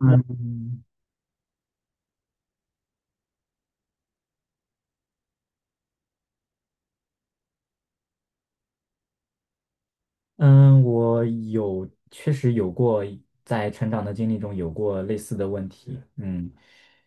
嗯嗯，确实有过在成长的经历中有过类似的问题，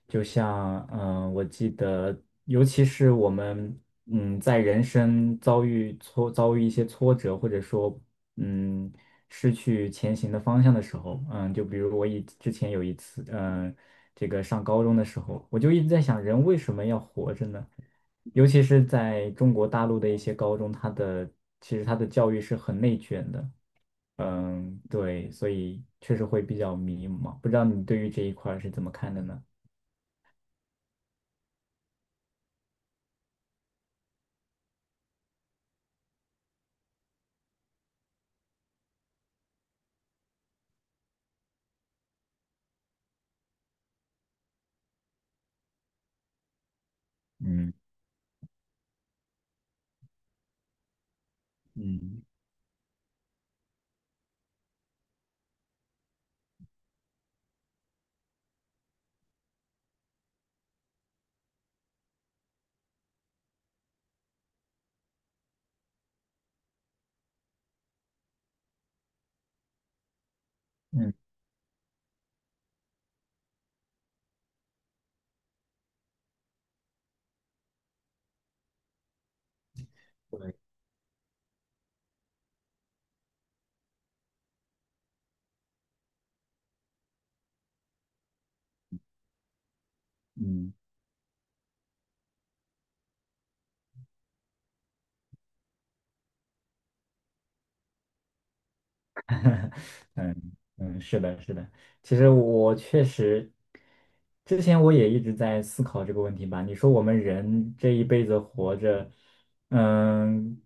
就像我记得，尤其是我们在人生遭遇一些挫折，或者说嗯失去前行的方向的时候，就比如我之前有一次，这个上高中的时候，我就一直在想，人为什么要活着呢？尤其是在中国大陆的一些高中，其实它的教育是很内卷的。对，所以确实会比较迷茫。不知道你对于这一块儿是怎么看的呢？嗯嗯，嗯，对，嗯。嗯嗯，是的，是的。其实我确实，之前我也一直在思考这个问题吧。你说我们人这一辈子活着，嗯，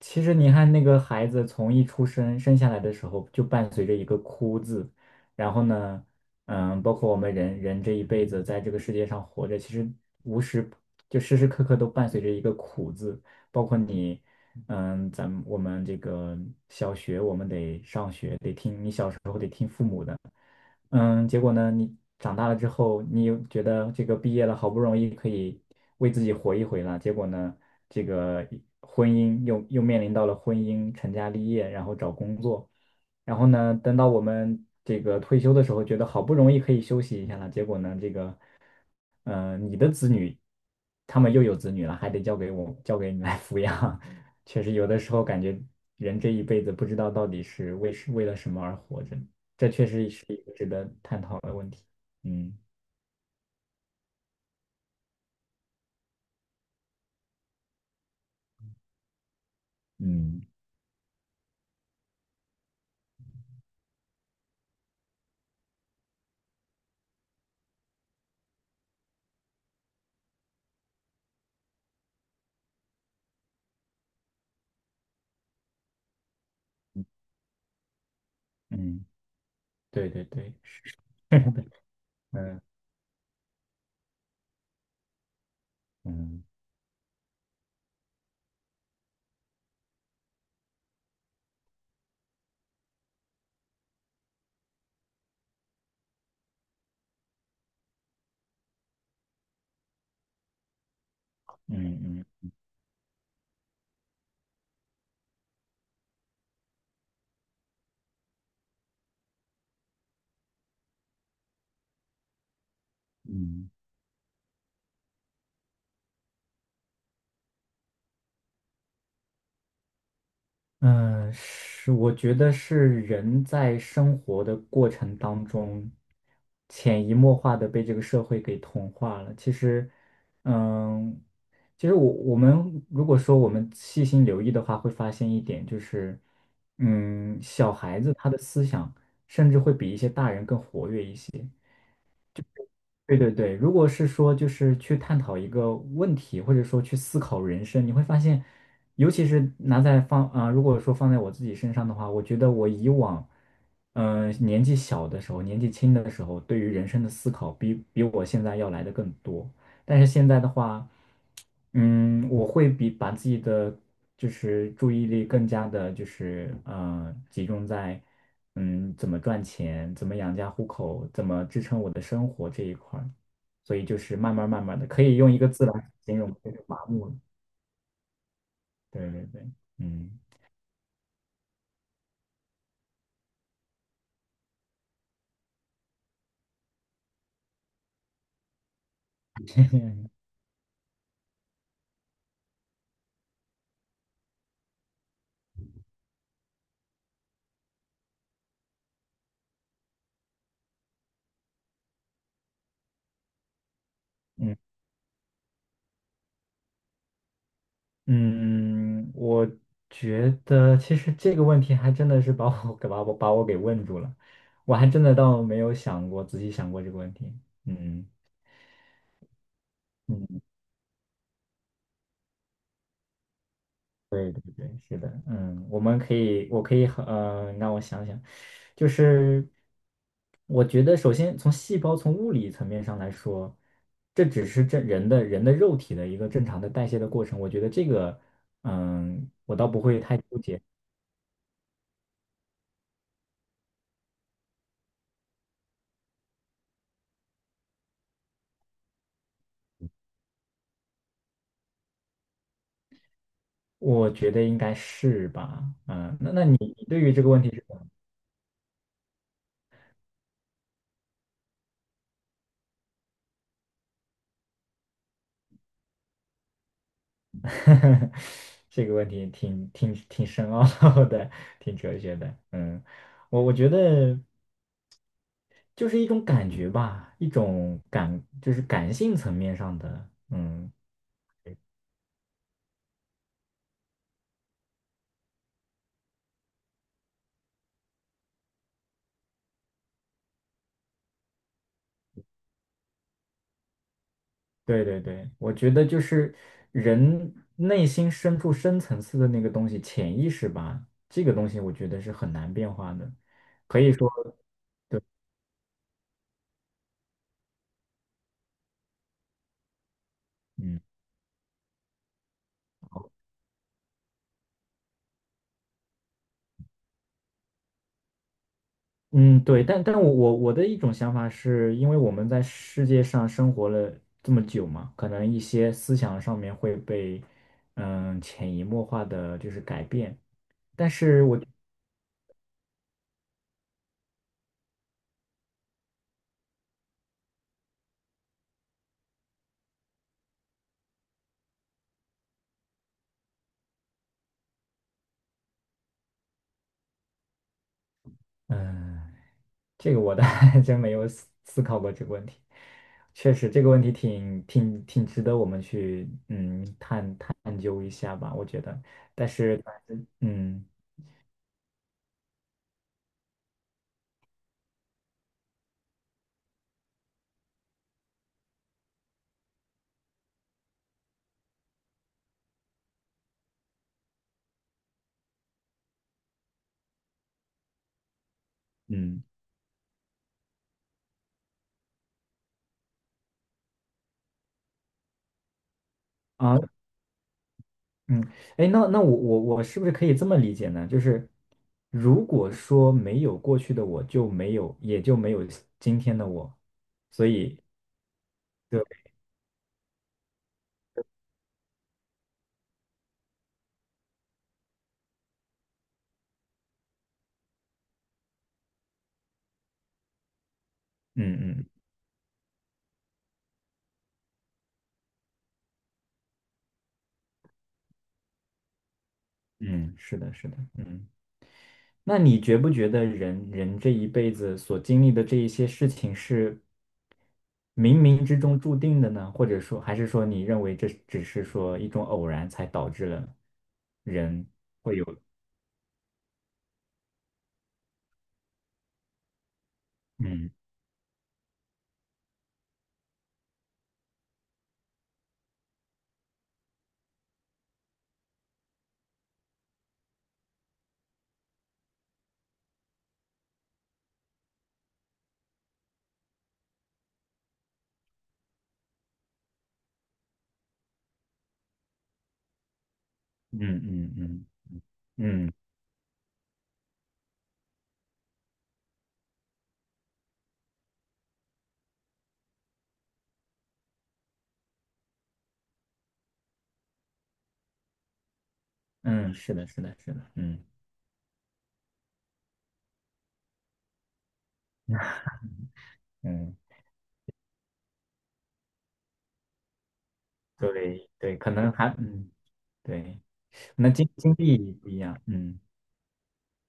其实你看那个孩子从一出生生下来的时候，就伴随着一个哭字。然后呢，包括我们人人这一辈子在这个世界上活着，其实无时就时时刻刻都伴随着一个苦字，包括你。我们这个小学我们得上学，得听你小时候。嗯，结果呢，你长大了之后，你又觉得这个毕业了，好不容易可以为自己活一回了。结果呢，这个婚姻又面临到了婚姻、成家立业，然后找工作。然后呢，等到我们这个退休的时候，觉得好不容易可以休息一下了。结果呢，这个你的子女，他们又有子女了，还得交给我，交给你来抚养。确实，有的时候感觉人这一辈子不知道到底是为了什么而活着。这确实是一个值得探讨的问题。嗯嗯嗯，对对对，是的。嗯嗯嗯嗯嗯。嗯，是，我觉得是人在生活的过程当中，潜移默化的被这个社会给同化了。其实，嗯，其实我们如果说我们细心留意的话，会发现一点就是，小孩子他的思想甚至会比一些大人更活跃一些。对对对。如果是说就是去探讨一个问题，或者说去思考人生，你会发现，尤其是拿在放啊、呃如果说放在我自己身上的话，我觉得我以往，年纪小的时候，年纪轻的时候，对于人生的思考比我现在要来的更多。但是现在的话，我会把自己的就是注意力更加的，就是集中在怎么赚钱、怎么养家糊口、怎么支撑我的生活这一块儿，所以就是慢慢慢慢的，可以用一个字来形容，就是麻木了。对对对。嗯嗯嗯。我觉得其实这个问题还真的是把我给问住了，我还真的倒没有想过仔细想过这个问题。嗯。嗯，对对对，是的，嗯，我们可以，我可以很，让我想想，就是我觉得，首先从细胞从物理层面上来说，这只是这人的肉体的一个正常的代谢的过程。我觉得这个，我倒不会太纠结，我觉得应该是吧。那你对于这个问题是怎么？这个问题挺深奥的，挺哲学的，嗯。我觉得，就是一种感觉吧，一种感，就是感性层面上的。嗯。对对对，我觉得就是人内心深处深层次的那个东西，潜意识吧，这个东西我觉得是很难变化的，可以说。嗯嗯，对，但我的一种想法是，因为我们在世界上生活了这么久嘛，可能一些思想上面会被潜移默化的就是改变，但是我嗯。这个我倒 还真没有思考过这个问题，确实这个问题挺值得我们去探究一下吧，我觉得。但是，嗯嗯啊嗯，哎，那我是不是可以这么理解呢？就是如果说没有过去的我，就没有今天的我，所以对。嗯嗯嗯，是的，是的，嗯。那你觉不觉得人人这一辈子所经历的这一些事情是冥冥之中注定的呢？或者说，还是说你认为这只是说一种偶然才导致了人会有嗯嗯嗯嗯嗯嗯，是的，是的，是的，嗯。嗯，对对，可能还嗯对，那经历不一样。嗯。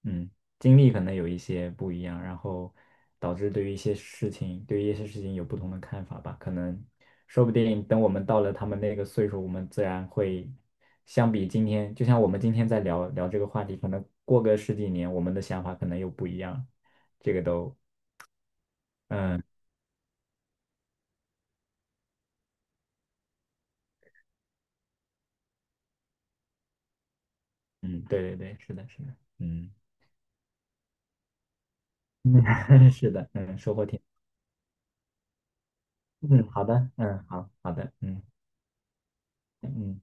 嗯，经历可能有一些不一样，然后导致对于一些事情有不同的看法吧。可能说不定等我们到了他们那个岁数，我们自然会相比今天，就像我们今天在聊聊这个话题，可能过个十几年，我们的想法可能又不一样。这个都，嗯嗯，对对对，是的，是的，嗯，是的，嗯，收获挺，嗯，好的，嗯，好，好的，嗯嗯。